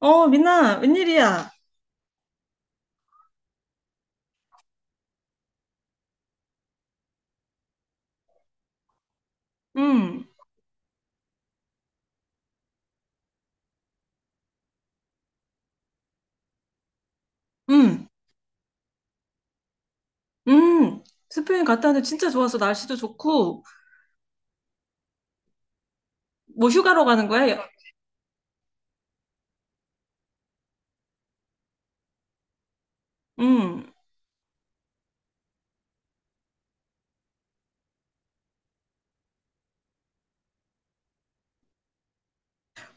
민아, 웬일이야? 응, 응, 응. 스페인 갔다 왔는데 진짜 좋았어. 날씨도 좋고. 뭐 휴가로 가는 거야? 응.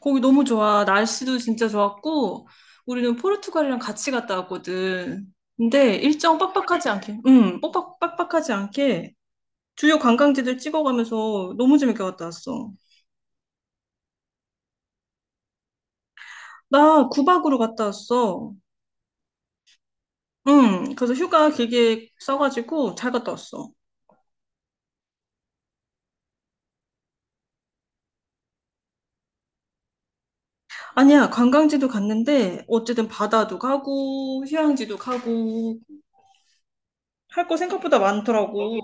거기 너무 좋아. 날씨도 진짜 좋았고. 우리는 포르투갈이랑 같이 갔다 왔거든. 근데 일정 빡빡하지 않게, 응, 빡빡하지 않게 주요 관광지들 찍어가면서 너무 재밌게 갔다 왔어. 나 9박으로 갔다 왔어. 응, 그래서 휴가 길게 써가지고 잘 갔다 왔어. 아니야, 관광지도 갔는데 어쨌든 바다도 가고, 휴양지도 가고, 할 거 생각보다 많더라고.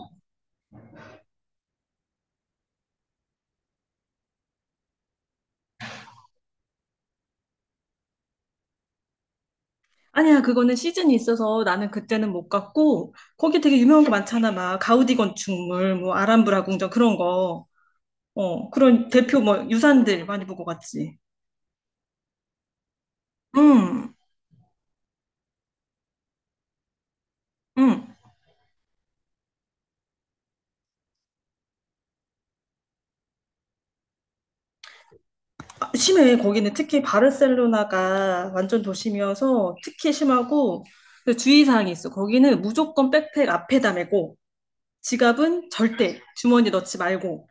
아니야, 그거는 시즌이 있어서 나는 그때는 못 갔고, 거기 되게 유명한 거 많잖아. 막, 가우디 건축물, 뭐, 아람브라 궁전 그런 거. 그런 대표 뭐, 유산들 많이 보고 갔지. 응, 응. 아, 심해. 거기는 특히 바르셀로나가 완전 도심이어서 특히 심하고, 그 주의사항이 있어. 거기는 무조건 백팩 앞에다 메고, 지갑은 절대 주머니 넣지 말고.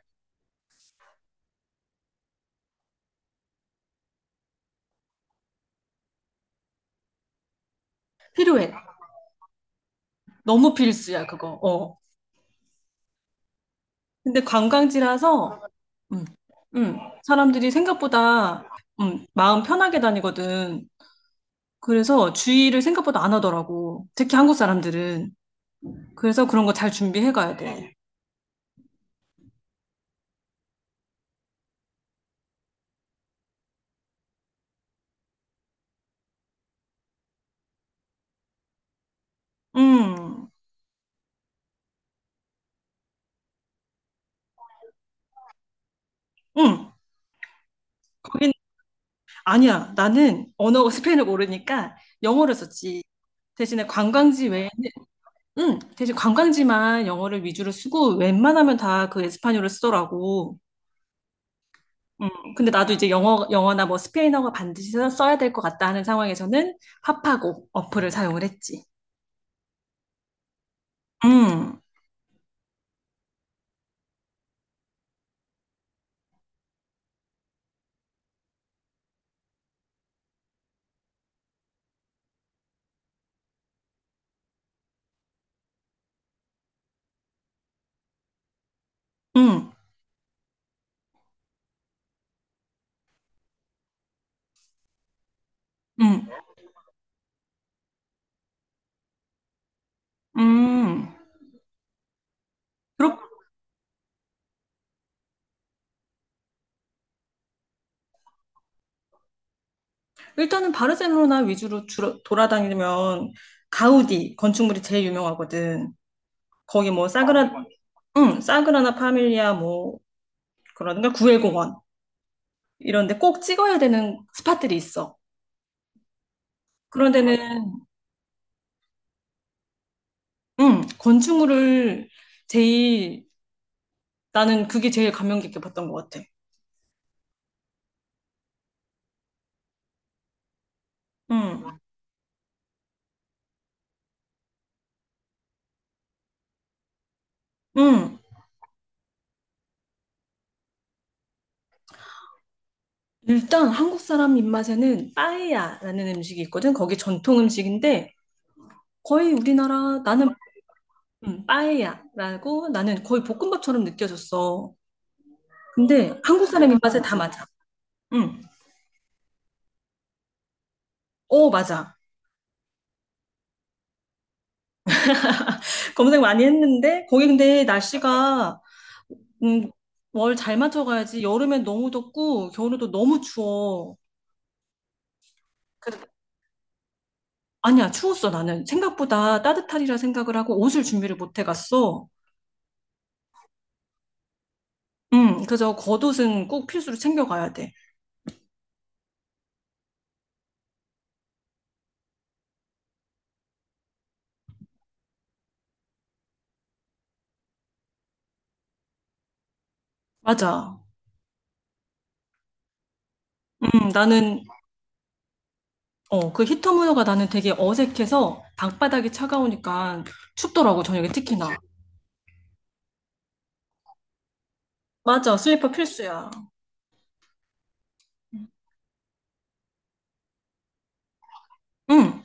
필요해. 너무 필수야, 그거. 어. 근데 관광지라서 음, 음, 사람들이 생각보다 마음 편하게 다니거든. 그래서 주의를 생각보다 안 하더라고. 특히 한국 사람들은. 그래서 그런 거 잘 준비해 가야 돼. 음, 음. 거긴 아니야. 나는 언어 스페인을 모르니까 영어를 썼지. 대신에 관광지 외에는. 응, 대신 관광지만 영어를 위주로 쓰고 웬만하면 다 그 에스파뇰을 쓰더라고. 근데 나도 이제 영어나 뭐 스페인어가 반드시 써야 될 것 같다 하는 상황에서는 파파고 어플을 사용을 했지. 음, 음, 음, 음. 그렇, 일단은 바르셀로나 위주로 주로 돌아다니면 가우디 건축물이 제일 유명하거든. 거기 뭐 응, 사그라나 파밀리아 뭐 그러든가 구엘공원 이런 데 꼭 찍어야 되는 스팟들이 있어. 그런 데는 응, 건축물을 제일, 나는 그게 제일 감명 깊게 봤던 것 같아. 응. 음, 일단 한국 사람 입맛에는 빠에야라는 음식이 있거든. 거기 전통 음식인데 거의 우리나라, 나는 빠에야라고 나는 거의 볶음밥처럼 느껴졌어. 근데 한국 사람 입맛에 다 맞아. 음, 어 맞아. 검색 많이 했는데 거기 근데 날씨가 음, 월 잘 맞춰가야지. 여름엔 너무 덥고 겨울에도 너무 추워. 그래서. 아니야, 추웠어. 나는 생각보다 따뜻하리라 생각을 하고 옷을 준비를 못 해갔어. 그래서 겉옷은 꼭 필수로 챙겨가야 돼. 맞아. 나는. 그 히터 문화가 나는 되게 어색해서 방바닥이 차가우니까 춥더라고, 저녁에 특히나. 맞아, 슬리퍼 필수야. 응.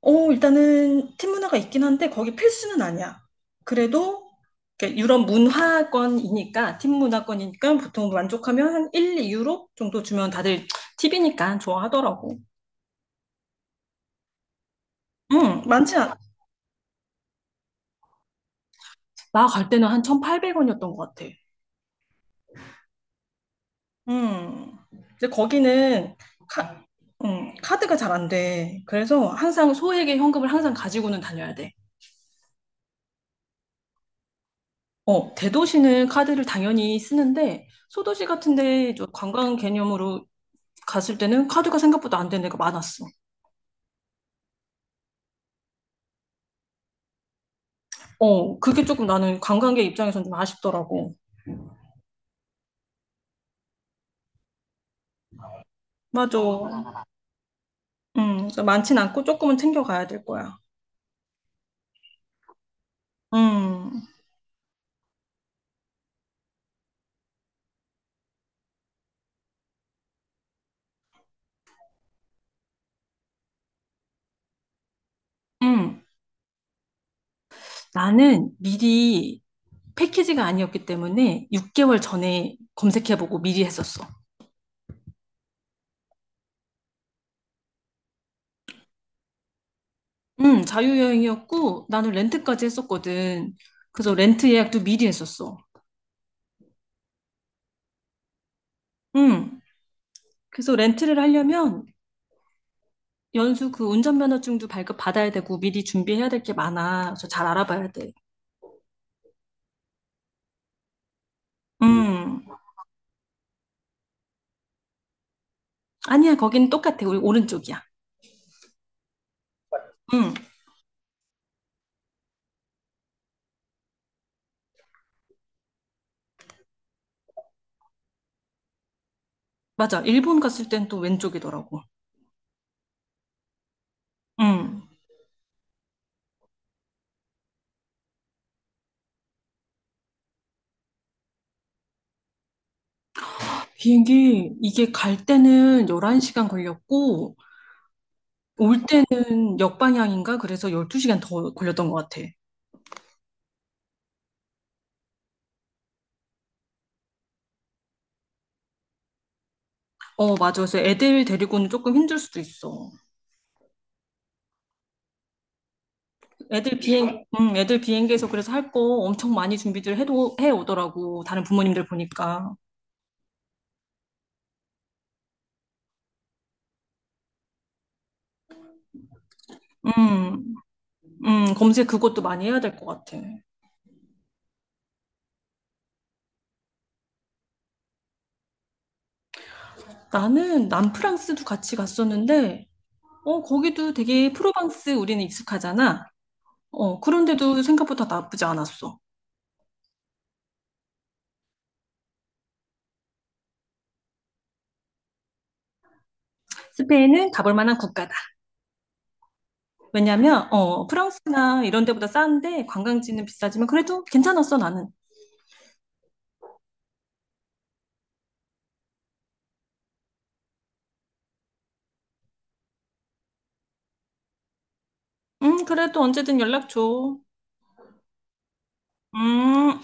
어, 일단은 팀 문화가 있긴 한데 거기 필수는 아니야. 그래도 이렇게 유럽 문화권이니까, 팀 문화권이니까 보통 만족하면 한 1, 2유로 정도 주면 다들 팁이니까 좋아하더라고. 응, 많지 않아. 나 갈 때는 한 1,800원이었던 것 같아. 음, 이제 거기는 카, 카드가 잘 안 돼. 그래서 항상 소액의 현금을 항상 가지고는 다녀야 돼. 어, 대도시는 카드를 당연히 쓰는데 소도시 같은데 저 관광 개념으로 갔을 때는 카드가 생각보다 안 되는 데가 많았어. 어, 그게 조금 나는 관광객 입장에선 좀 아쉽더라고. 맞아. 그래서 많진 않고 조금은 챙겨가야 될 거야. 음, 음. 나는 미리, 패키지가 아니었기 때문에 6개월 전에 검색해보고 미리 했었어. 응, 자유여행이었고 나는 렌트까지 했었거든. 그래서 렌트 예약도 미리 했었어. 응. 그래서 렌트를 하려면 연수 그 운전면허증도 발급 받아야 되고 미리 준비해야 될 게 많아. 그래서 잘 알아봐야 돼. 응. 아니야, 거긴 똑같아. 우리 오른쪽이야. 응. 맞아, 일본 갔을 땐 또 왼쪽이더라고. 응. 비행기 이게 갈 때는 11시간 걸렸고 올 때는 역방향인가 그래서 12시간 더 걸렸던 것 같아. 어, 맞아. 그래서 애들 데리고는 조금 힘들 수도 있어. 애들 비행기에서 그래서 할 거 엄청 많이 준비들 해도, 해 오더라고. 다른 부모님들 보니까. 음, 검색 그것도 많이 해야 될 것 같아. 나는 남프랑스도 같이 갔었는데, 거기도 되게 프로방스 우리는 익숙하잖아. 그런데도 생각보다 나쁘지 않았어. 스페인은 가볼 만한 국가다. 왜냐면 프랑스나 이런 데보다 싼데, 관광지는 비싸지만 그래도 괜찮았어 나는. 그래도 언제든 연락 줘. 음.